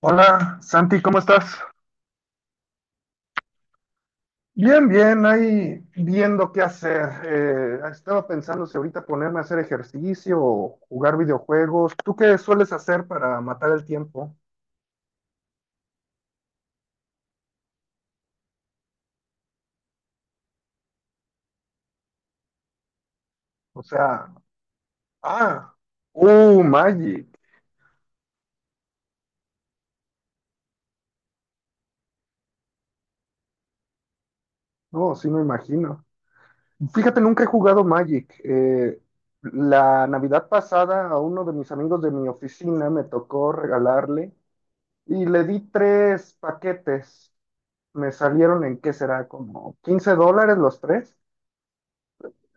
Hola, Santi, ¿cómo estás? Bien, bien, ahí viendo qué hacer. Estaba pensando si ahorita ponerme a hacer ejercicio o jugar videojuegos. ¿Tú qué sueles hacer para matar el tiempo? O sea, ah, Magic. No, sí me imagino. Fíjate, nunca he jugado Magic. La Navidad pasada a uno de mis amigos de mi oficina me tocó regalarle y le di tres paquetes. Me salieron en qué será, como 15 dólares los tres.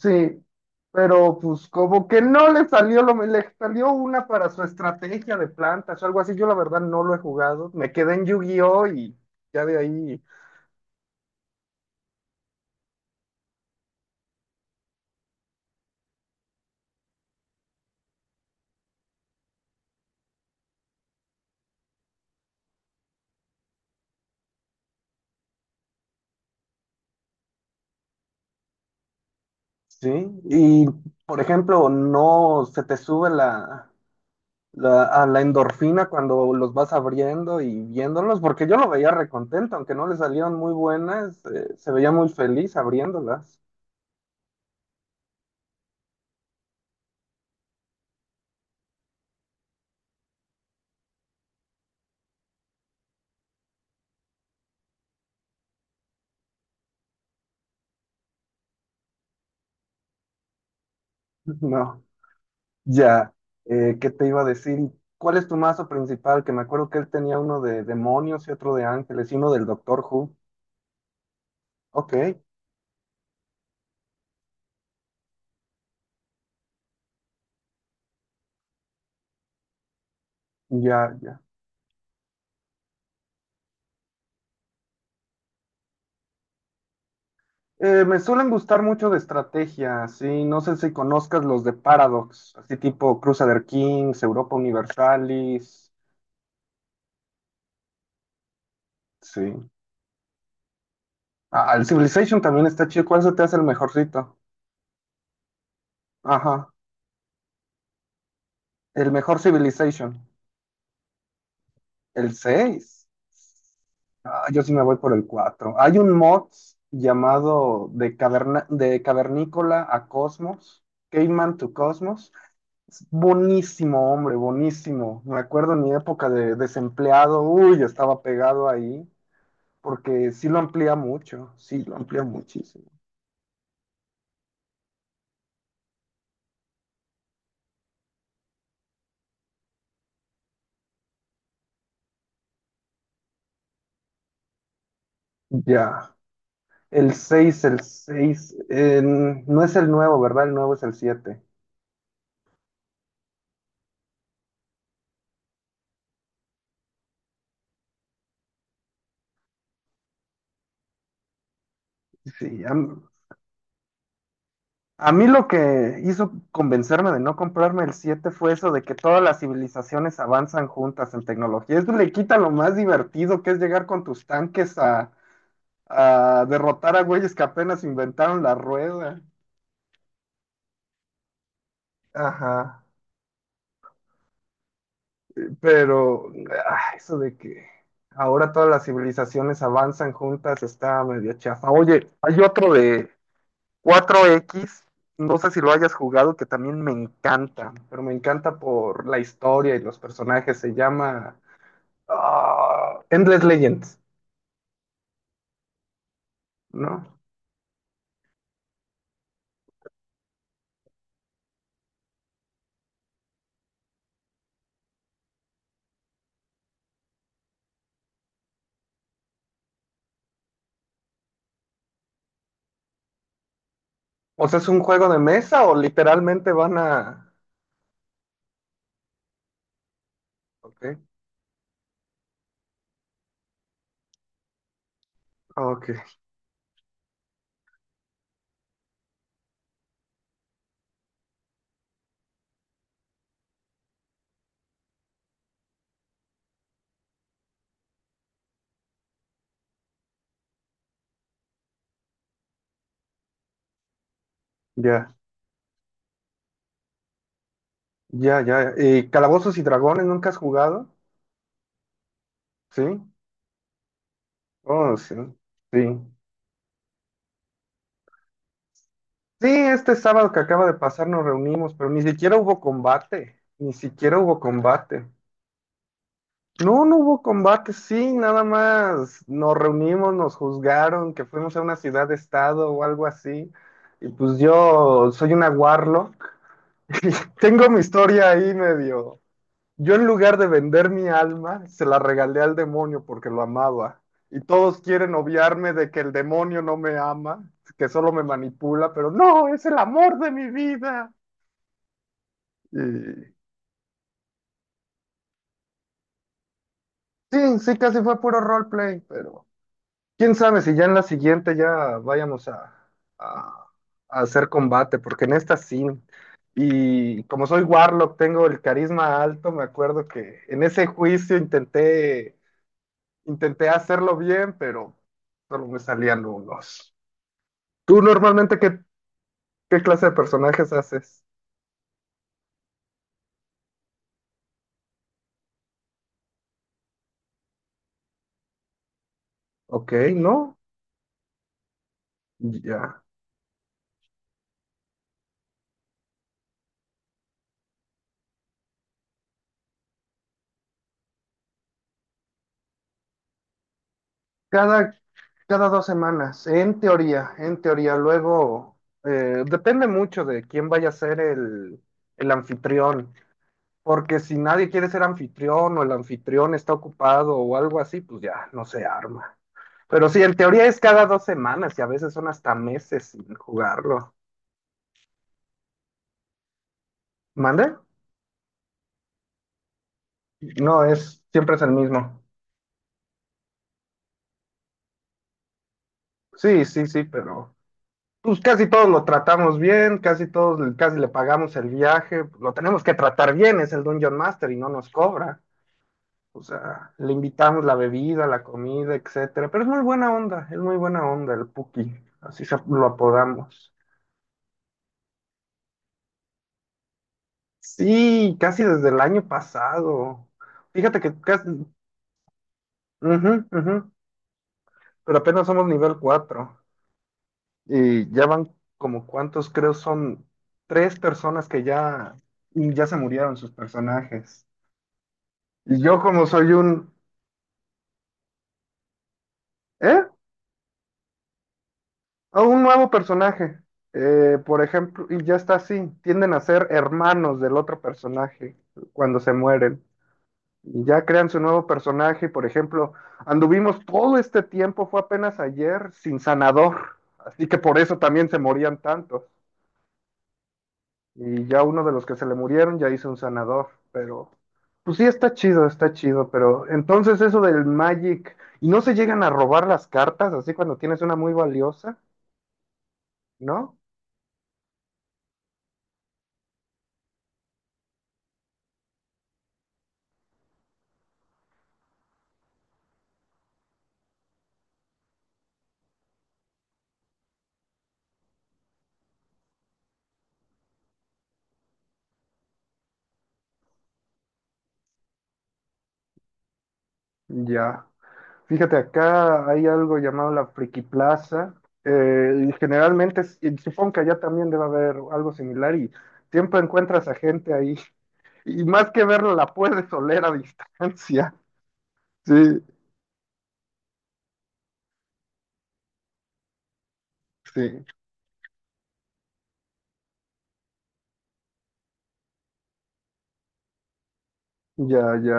Sí, pero pues como que no le salió lo, le salió una para su estrategia de plantas o algo así. Yo la verdad no lo he jugado. Me quedé en Yu-Gi-Oh y ya de ahí. Sí, y por ejemplo, no se te sube a la endorfina cuando los vas abriendo y viéndolos, porque yo lo veía recontento, aunque no le salieron muy buenas, se veía muy feliz abriéndolas. No. Ya, ¿qué te iba a decir? ¿Cuál es tu mazo principal? Que me acuerdo que él tenía uno de demonios y otro de ángeles y uno del Doctor Who. Ok, ya, ya. Me suelen gustar mucho de estrategia, sí. No sé si conozcas los de Paradox, así tipo Crusader Kings, Europa Universalis. Sí. Ah, el Civilization también está chido. ¿Cuál se te hace el mejorcito? Ajá, el mejor Civilization. El seis. Ah, yo sí me voy por el 4. Hay un mod llamado de, caverna, de Cavernícola a Cosmos, Caveman to Cosmos. Es buenísimo, hombre, buenísimo. Me acuerdo en mi época de desempleado, uy, estaba pegado ahí, porque sí lo amplía mucho, sí lo amplía muchísimo. Ya, el 6, no es el nuevo, ¿verdad? El nuevo es el 7. Sí, ya, a mí lo que hizo convencerme de no comprarme el 7 fue eso de que todas las civilizaciones avanzan juntas en tecnología. Eso le quita lo más divertido que es llegar con tus tanques a derrotar a güeyes que apenas inventaron la rueda. Ajá. Pero ah, eso de que ahora todas las civilizaciones avanzan juntas está medio chafa. Oye, hay otro de 4X, no sé si lo hayas jugado, que también me encanta, pero me encanta por la historia y los personajes. Se llama ah, Endless Legends, ¿no? O sea, ¿es un juego de mesa o literalmente van a...? Ok, ok, ya, ya, ya. ¿Y Calabozos y Dragones nunca has jugado? Sí, oh, sí, sí. Sí, este sábado que acaba de pasar nos reunimos, pero ni siquiera hubo combate, ni siquiera hubo combate. No, no hubo combate, sí, nada más nos reunimos, nos juzgaron, que fuimos a una ciudad-estado o algo así. Y pues yo soy una warlock. Y tengo mi historia ahí medio. Yo en lugar de vender mi alma, se la regalé al demonio porque lo amaba. Y todos quieren obviarme de que el demonio no me ama, que solo me manipula, pero no, es el amor de mi vida. Y sí, sí, casi fue puro roleplay, pero... Quién sabe si ya en la siguiente ya vayamos a- a hacer combate, porque en esta sí. Y como soy Warlock, tengo el carisma alto, me acuerdo que en ese juicio intenté hacerlo bien, pero solo me salían unos. ¿Tú normalmente qué clase de personajes haces? Ok, ¿no? Ya. Cada, cada 2 semanas, en teoría, en teoría. Luego, depende mucho de quién vaya a ser el anfitrión, porque si nadie quiere ser anfitrión o el anfitrión está ocupado o algo así, pues ya no se arma. Pero sí, en teoría es cada 2 semanas y a veces son hasta meses sin jugarlo. ¿Mande? No, es, siempre es el mismo. Sí, sí, sí, pero... Pues casi todos lo tratamos bien, casi le pagamos el viaje, lo tenemos que tratar bien, es el Dungeon Master y no nos cobra. O sea, le invitamos la bebida, la comida, etcétera, pero es muy buena onda, es muy buena onda el Puki, lo apodamos. Sí, casi desde el año pasado. Fíjate que casi, ujú, ujú, pero apenas somos nivel 4 y ya van como cuántos, creo son tres personas que ya, ya se murieron sus personajes. Y yo como soy un... ¿Eh? O un nuevo personaje, por ejemplo, y ya está así, tienden a ser hermanos del otro personaje cuando se mueren. Y ya crean su nuevo personaje, por ejemplo, anduvimos todo este tiempo, fue apenas ayer, sin sanador, así que por eso también se morían tantos. Y ya uno de los que se le murieron ya hizo un sanador, pero pues sí está chido, pero entonces eso del Magic, ¿y no se llegan a robar las cartas así cuando tienes una muy valiosa? ¿No? Ya. Fíjate, acá hay algo llamado la Friki Plaza. Y generalmente, y supongo que allá también debe haber algo similar y siempre encuentras a gente ahí. Y más que verlo, la puedes oler a distancia. Sí, sí, ya, ya.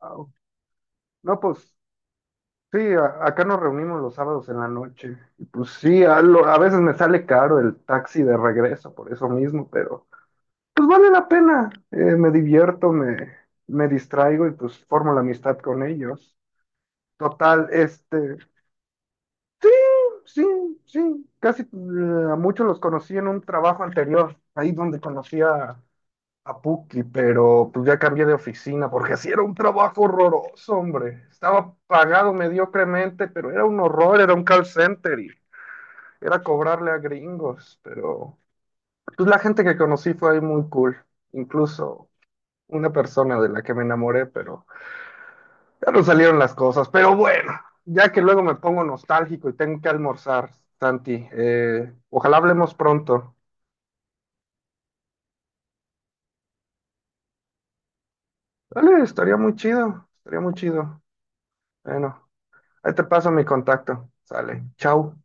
Au. No, pues sí, acá nos reunimos los sábados en la noche. Y pues sí, a veces me sale caro el taxi de regreso por eso mismo, pero... pues vale la pena. Me divierto, me distraigo y pues formo la amistad con ellos. Total, sí, sí, sí, casi a muchos los conocí en un trabajo anterior, ahí donde conocí a Puki, pero pues ya cambié de oficina porque así era un trabajo horroroso, hombre. Estaba pagado mediocremente, pero era un horror, era un call center y era cobrarle a gringos, pero pues la gente que conocí fue ahí muy cool. Incluso una persona de la que me enamoré, pero ya no salieron las cosas. Pero bueno, ya que luego me pongo nostálgico y tengo que almorzar, Santi, ojalá hablemos pronto. Dale, estaría muy chido, estaría muy chido. Bueno, ahí te paso mi contacto. Sale, chao.